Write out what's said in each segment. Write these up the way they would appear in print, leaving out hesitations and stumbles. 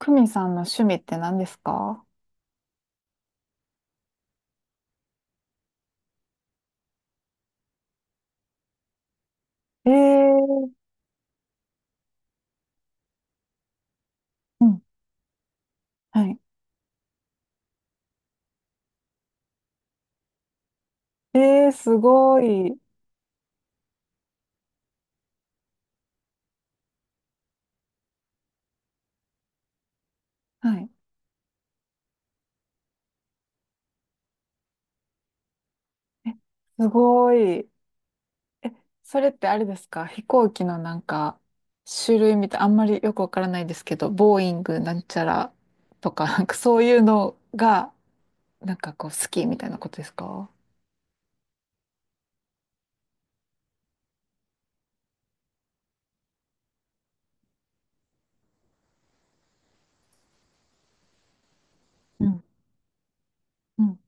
クミさんの趣味って何ですか？えー、うん。はい。すごい。はい。え、すごい。え、それってあれですか？飛行機の種類みたい、あんまりよくわからないですけど、ボーイングなんちゃらとか、なんかそういうのが、なんかこう好きみたいなことですか？うんうん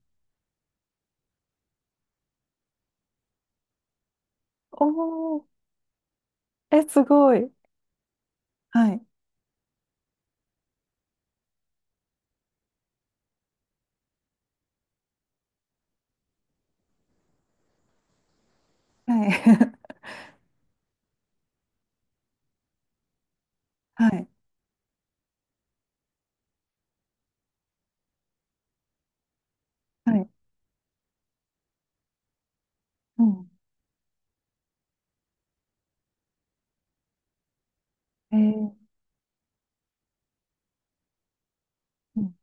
おー、え、すごい。はい。はい。はい。はい。うん。えー、うん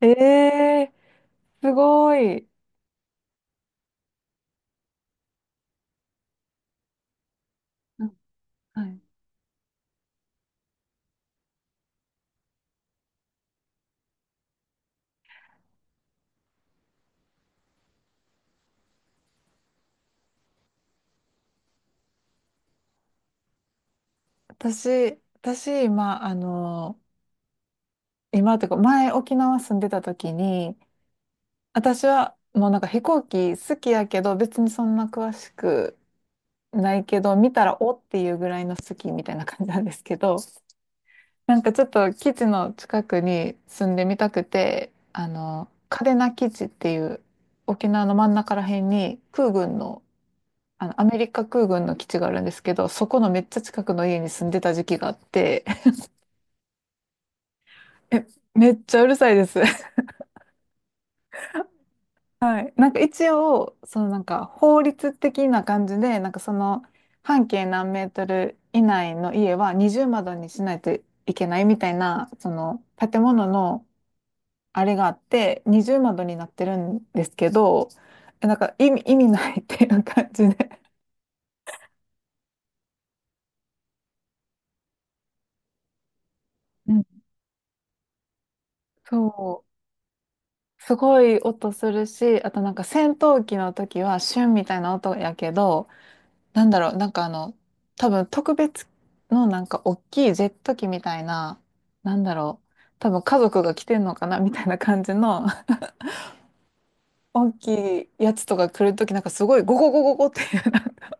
えー、すごい。はい。私、今、今というか、前沖縄住んでた時に、私はもうなんか飛行機好きやけど、別にそんな詳しくないけど、見たらおっていうぐらいの好きみたいな感じなんですけど、なんかちょっと基地の近くに住んでみたくて、嘉手納基地っていう沖縄の真ん中ら辺に空軍の、アメリカ空軍の基地があるんですけど、そこのめっちゃ近くの家に住んでた時期があって、え、めっちゃうるさいです。はい。なんか一応、そのなんか法律的な感じで、なんかその半径何メートル以内の家は二重窓にしないといけないみたいな、その建物のあれがあって、二重窓になってるんですけど、え意味ないっていう感じで。うんそう。すごい音するし、あとなんか戦闘機の時はシュンみたいな音やけど、なんだろう、多分特別のなんか大きいジェット機みたいな、なんだろう、多分家族が来てんのかなみたいな感じの 大きいやつとか来るときなんかすごいゴゴゴゴゴっていうなんか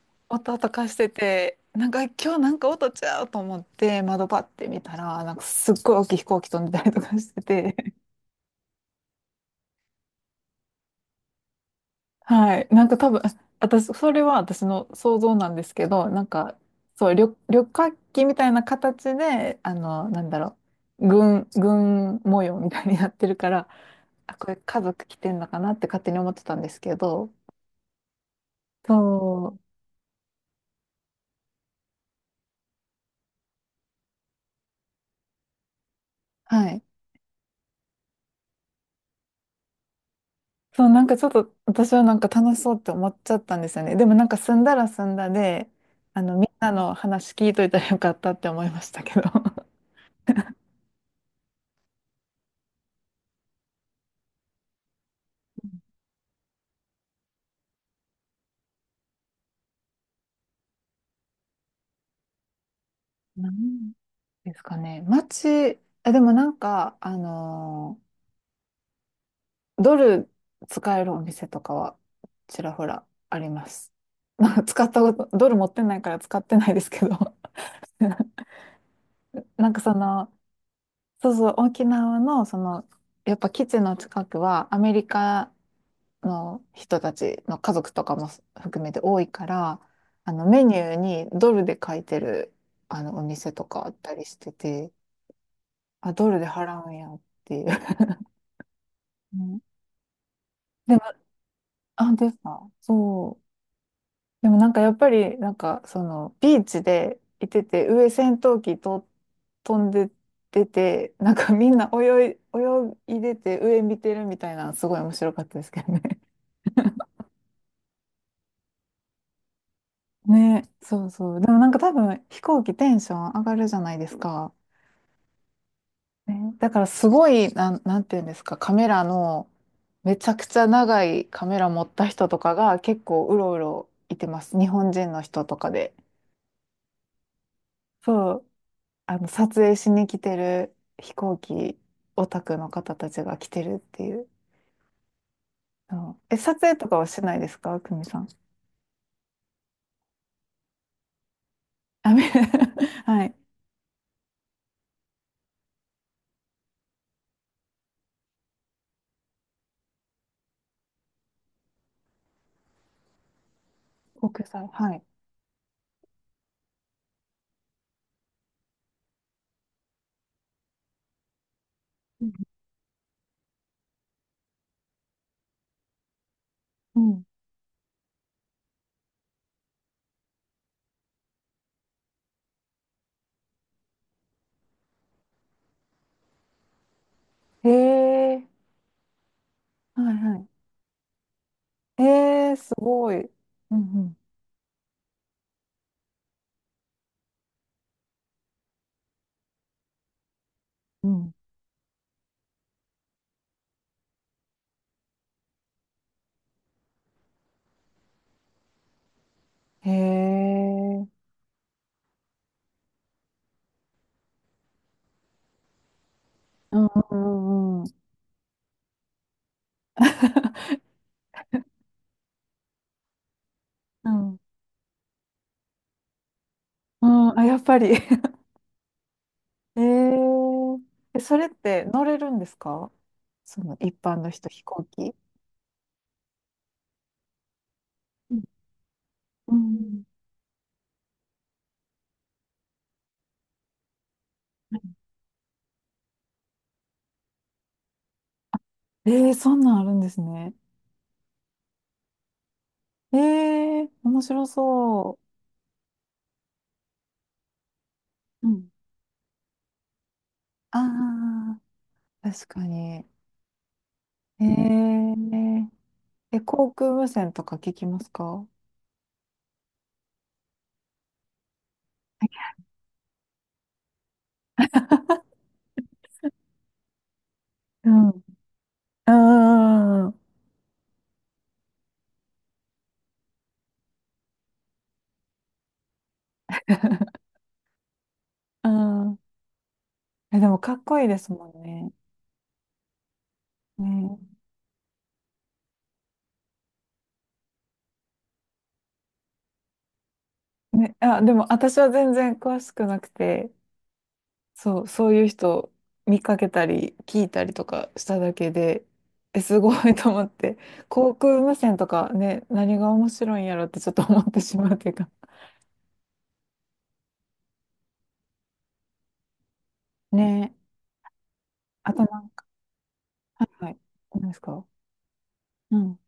音とかしてて、なんか今日なんか音ちゃうと思って窓パッて見たら、なんかすっごい大きい飛行機飛んでたりとかしてて、はい。なんか多分、あ私、それは私の想像なんですけど、なんか、そう、旅客機みたいな形で、なんだろう、軍模様みたいになってるから、あ、これ家族来てんのかなって勝手に思ってたんですけど、そう、はい。そう、なんかちょっと私はなんか楽しそうって思っちゃったんですよね。でもなんか住んだら住んだで、みんなの話聞いといたらよかったって思いましたけど。なんですかね。街、あ、でもなんか、ドル使えるお店とかはちらほらあります。まあ、使ったこと、ドル持ってないから使ってないですけど。なんかその、そうそう、沖縄の、その、やっぱ基地の近くはアメリカの人たちの家族とかも含めて多いから、メニューにドルで書いてる、お店とかあったりしてて、あ、ドルで払うんやっていう。うんで本当ですか？そう。でもなんかやっぱり、なんかそのビーチでいてて、上戦闘機と飛んで出て、なんかみんな泳いでて上見てるみたいなのすごい面白かったですけどね。ね、そうそう。でもなんか多分飛行機テンション上がるじゃないですか。ね、だからすごい、なんていうんですか、カメラの、めちゃくちゃ長いカメラ持った人とかが結構うろうろいてます。日本人の人とかで。そう撮影しに来てる飛行機オタクの方たちが来てるっていう。うんえ、撮影とかはしないですか？久美さん。あ、め はい。国際、はい。うんうん。へえ、はいはい。へえ、すごい。うんうん。うん。へえ、うんうんうんうん。うん。うん、あ、やっぱり。えー、え、それって乗れるんですか？その一般の人、飛行機。うん。うんえー、そんなんあるんですね。えー、面白そう。うん。ああ、確かに。えー、え、航空無線とか聞きますか？うん。うんうんうんうん。え、でもかっこいいですもんね。ね、ね、あ、でも私は全然詳しくなくて、そう、そういう人見かけたり聞いたりとかしただけで、え、すごいと思って、航空無線とかね、何が面白いんやろってちょっと思ってしまうというか。ねえ、あとなんか、はいはい、何ですか？うん、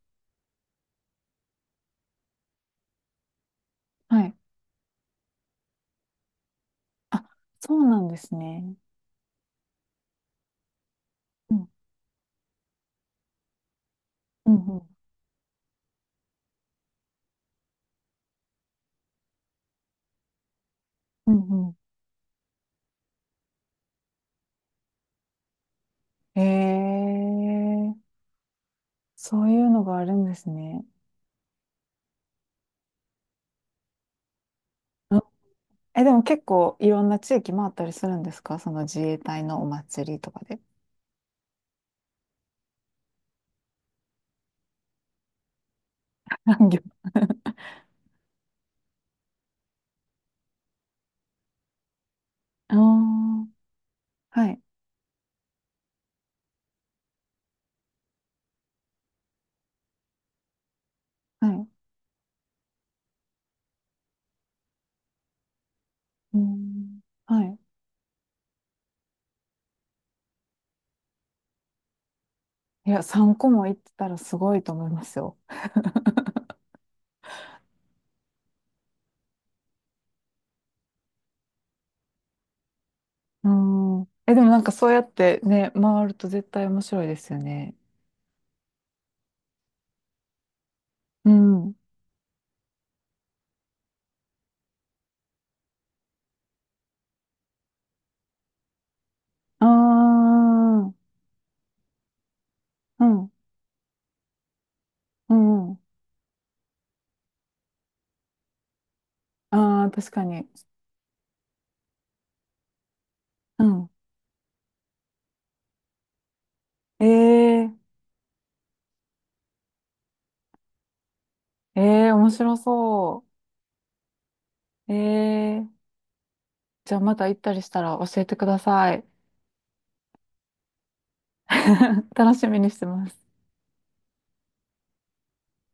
はい。あ、そうなんですね。うん、うん、うん、うんうえー、そういうのがあるんですね。うんえ、でも結構いろんな地域回ったりするんですか？その自衛隊のお祭りとかで。ああー、はいはい。うん。はい。いや、3個も行ってたらすごいと思いますよ。うん。え、でもなんかそうやってね、回ると絶対面白いですよね。うん。ああ、うん。うん。ああ、確かに。うん。えええ面白そう。えじゃあまた行ったりしたら教えてください。楽しみにしてます。